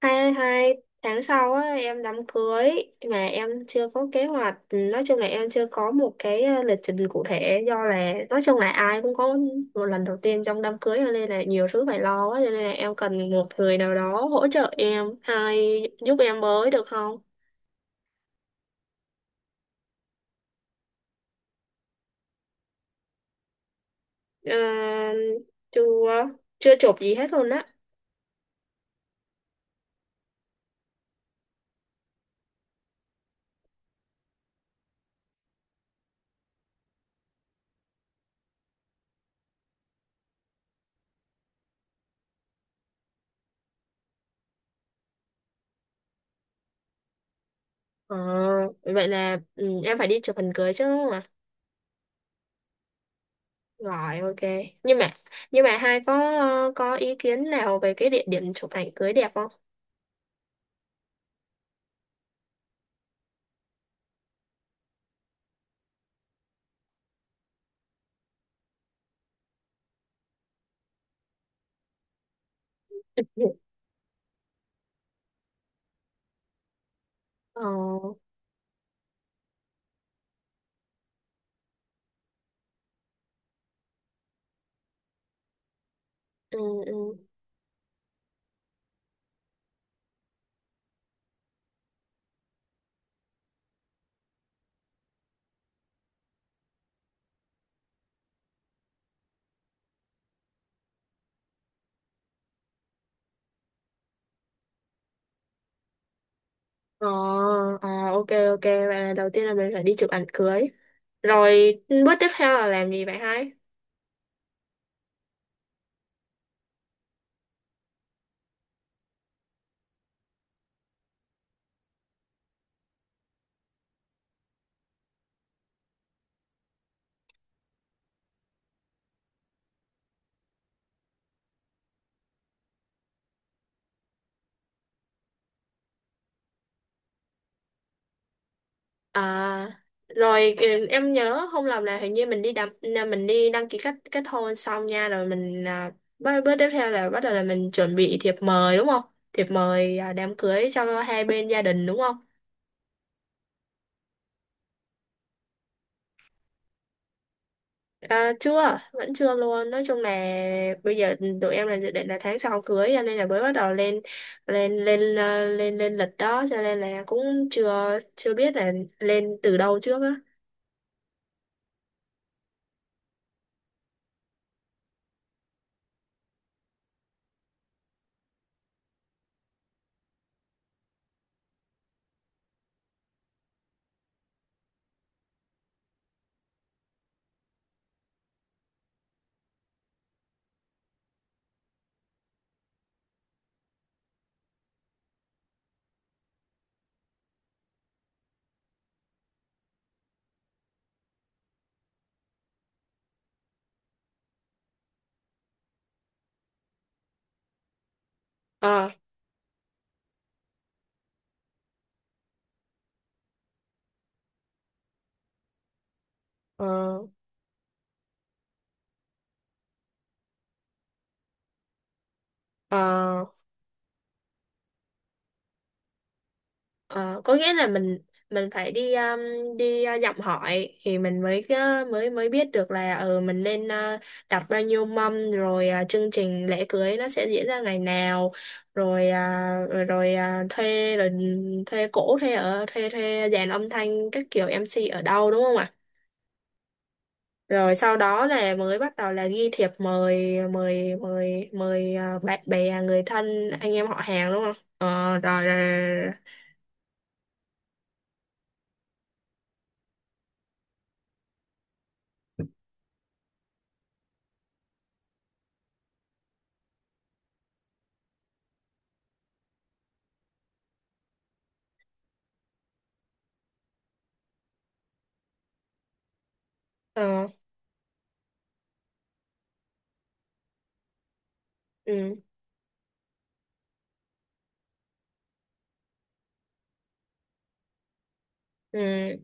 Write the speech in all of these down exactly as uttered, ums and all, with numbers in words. Hai hai tháng sau á, em đám cưới, mà em chưa có kế hoạch. Nói chung là em chưa có một cái ờ, lịch trình cụ thể, do là nói chung là ai cũng có một lần đầu tiên trong đám cưới, cho nên là nhiều thứ phải lo quá, cho nên là em cần một người nào đó hỗ trợ em hay giúp em với được không? Ờ, chưa, chưa chụp gì hết luôn á. Ờ, vậy là ừ, em phải đi chụp hình cưới chứ đúng không? Rồi, ok. Nhưng mà nhưng mà hai có ờ, có ý kiến nào về cái địa điểm chụp ảnh cưới đẹp không? Ờ. Ừ. Ừ. Ờ. À, ok, ok, vậy là đầu tiên là mình phải đi chụp ảnh cưới. Rồi bước tiếp theo là làm gì vậy hai? À rồi, ừ, em nhớ không lầm là hình như mình đi đăng là mình đi đăng ký kết kết hôn xong nha, rồi mình, à, bước, bước tiếp theo là bắt đầu là mình chuẩn bị thiệp mời đúng không? Thiệp mời à, đám cưới cho hai bên gia đình đúng không? À, chưa, vẫn chưa luôn. Nói chung là bây giờ tụi em là dự định là tháng sau cưới, cho nên là mới bắt đầu lên lên lên ờ, lên lên lịch đó, cho nên là cũng chưa chưa biết là lên từ đâu trước á. Ờ. Ờ. Ờ. Ờ, có nghĩa là mình mình phải đi um, đi uh, dặm hỏi thì mình mới cái- mới mới biết được là ờ mình nên uh, đặt bao nhiêu mâm, rồi uh, chương trình lễ cưới nó sẽ diễn ra ngày nào, rồi uh, rồi, rồi uh, thuê, rồi ừ, thuê cổ thuê ở thuê thuê dàn âm thanh các kiểu, em xê ở đâu, đúng không ạ? Rồi sau đó là mới bắt đầu là ghi thiệp mời mời mời mời uh, bạn bè, người thân, anh em họ hàng đúng không? Ờ rồi, rồi, rồi. rồi. Ờ. Ừ. Ừ.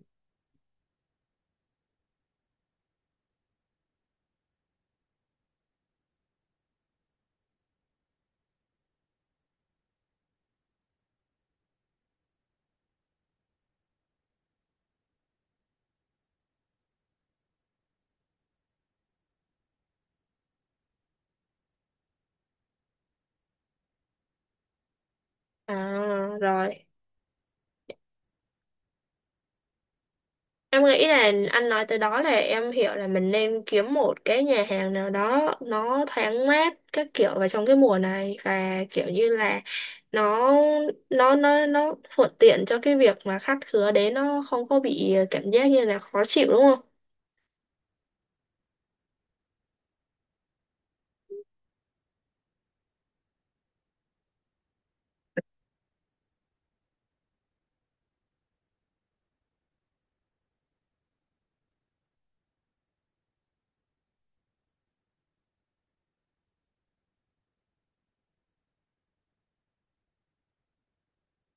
À rồi. Em nghĩ là anh nói từ đó là em hiểu là mình nên kiếm một cái nhà hàng nào đó nó thoáng mát các kiểu vào trong cái mùa này, và kiểu như là nó, nó nó nó thuận tiện cho cái việc mà khách khứa đến nó không có bị cảm giác như là khó chịu đúng không?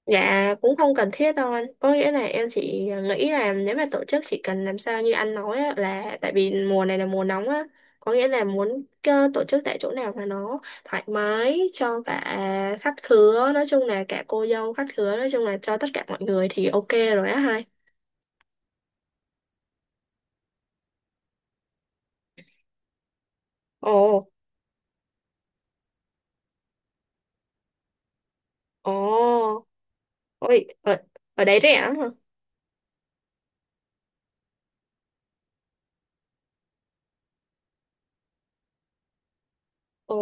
Dạ cũng không cần thiết đâu anh. Có nghĩa là em chỉ nghĩ là nếu mà tổ chức chỉ cần làm sao như anh nói á, là tại vì mùa này là mùa nóng á, có nghĩa là muốn cơ- tổ chức tại chỗ nào mà nó thoải mái cho cả khách khứa, nói chung là cả cô dâu khách khứa, nói chung là cho tất cả mọi người thì ok rồi á hai. Ồ. Ồ. Ôi, ở, ở đấy rẻ lắm hả? Ồ.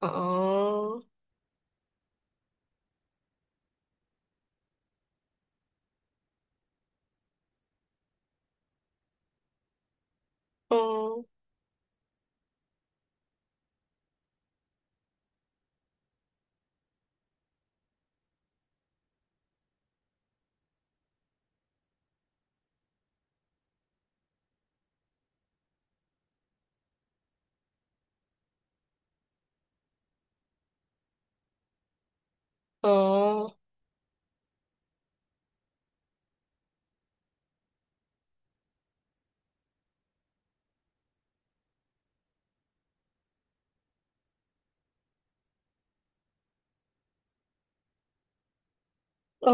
Ồ. Ồ. Ồ. Ồ,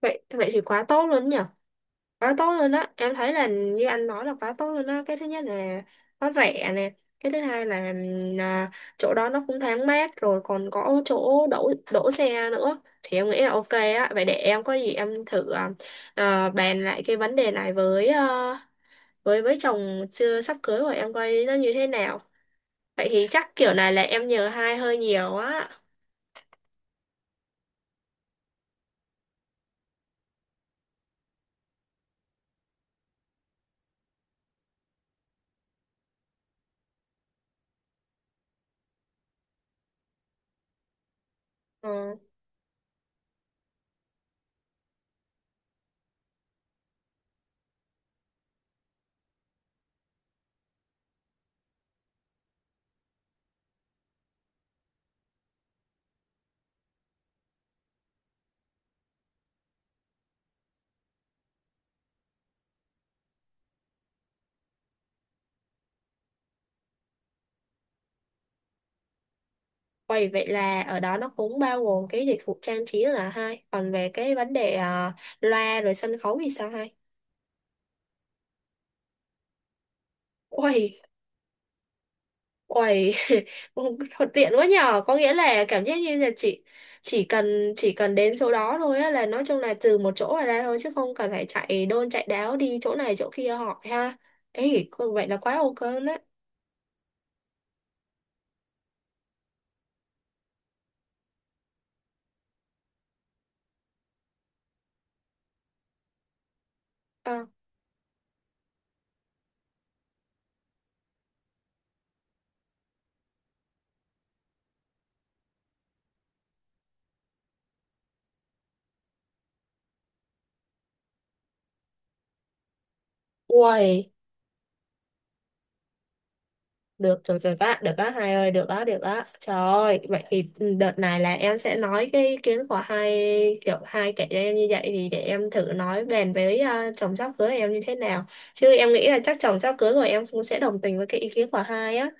vậy vậy thì quá tốt luôn nhỉ. Quá tốt luôn đó, em thấy là như anh nói là quá tốt luôn đó. Cái thứ nhất là nó rẻ nè, cái thứ hai là à, chỗ đó nó cũng thoáng mát, rồi còn có chỗ đổ đổ xe nữa, thì em nghĩ là ok á. Vậy để em có gì em thử à, à, bàn lại cái vấn đề này với à, với với chồng chưa sắp cưới của em coi nó như thế nào. Vậy thì chắc kiểu này là em nhờ hai hơi nhiều á. Vậy Vậy là ở đó nó cũng bao gồm cái dịch vụ trang trí là hai, còn về cái vấn đề à, loa rồi sân khấu thì sao hai? Uầy, uầy, thuận tiện quá nhờ, có nghĩa là cảm giác như là chị chỉ cần chỉ cần đến chỗ đó thôi á, là nói chung là từ một chỗ mà ra thôi, chứ không cần phải chạy đôn chạy đáo đi chỗ này chỗ kia hỏi ha. Ê, vậy là quá ok đấy. À, uầy. Được, được rồi bác, được bác hai ơi, được đó, được đó. Trời ơi, vậy thì đợt này là em sẽ nói cái ý kiến của hai kiểu hai kẻ cho em như vậy, thì để em thử nói bàn với ờ, chồng sắp cưới em như thế nào. Chứ em nghĩ là chắc chồng sắp cưới của em cũng sẽ đồng tình với cái ý kiến của hai á.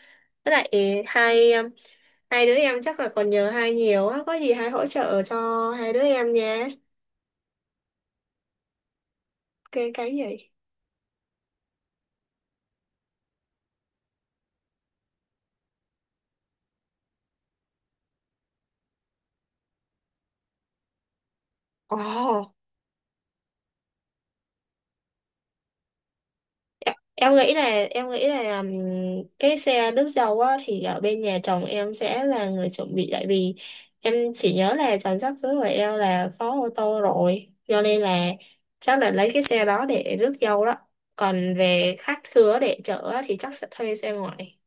Với lại hai em- hai đứa em chắc là còn nhờ hai nhiều á, có gì hai hỗ trợ cho hai đứa em nha. Cái cái gì? Ồ. em em nghĩ là em nghĩ là um, cái xe nước dầu á thì ở bên nhà chồng em sẽ là người chuẩn bị, tại vì em chỉ nhớ là chồng sắp cưới của em là có ô tô rồi, cho nên là chắc là lấy cái xe đó để rước dâu đó. Còn về khách khứa để chở á, thì chắc sẽ thuê xe ngoại.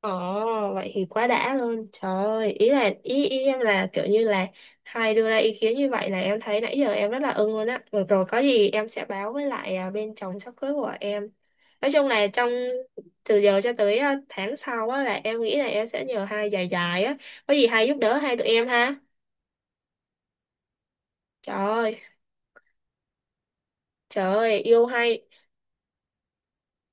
Ồ, vậy thì quá đã luôn. Trời ơi, ý là ý, ý em là kiểu như là hai đưa ra ý kiến như vậy là em thấy nãy giờ em rất là ưng luôn á. Được rồi, có gì em sẽ báo với lại à, bên chồng sắp cưới của em. Nói chung là trong từ giờ cho tới à, tháng sau á là em nghĩ là em sẽ nhờ hai dài dài á. Có gì hai giúp đỡ hai tụi em ha. Trời ơi, trời ơi, yêu hai.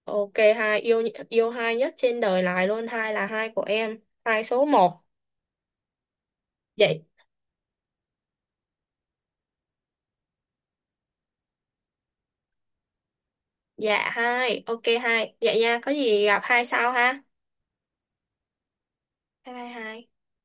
Ok hai, yêu yêu hai nhất trên đời này luôn, hai là hai của em, hai số một. Vậy dạ hai, ok hai, dạ nha, có gì gặp hai sau ha. Bye bye hai.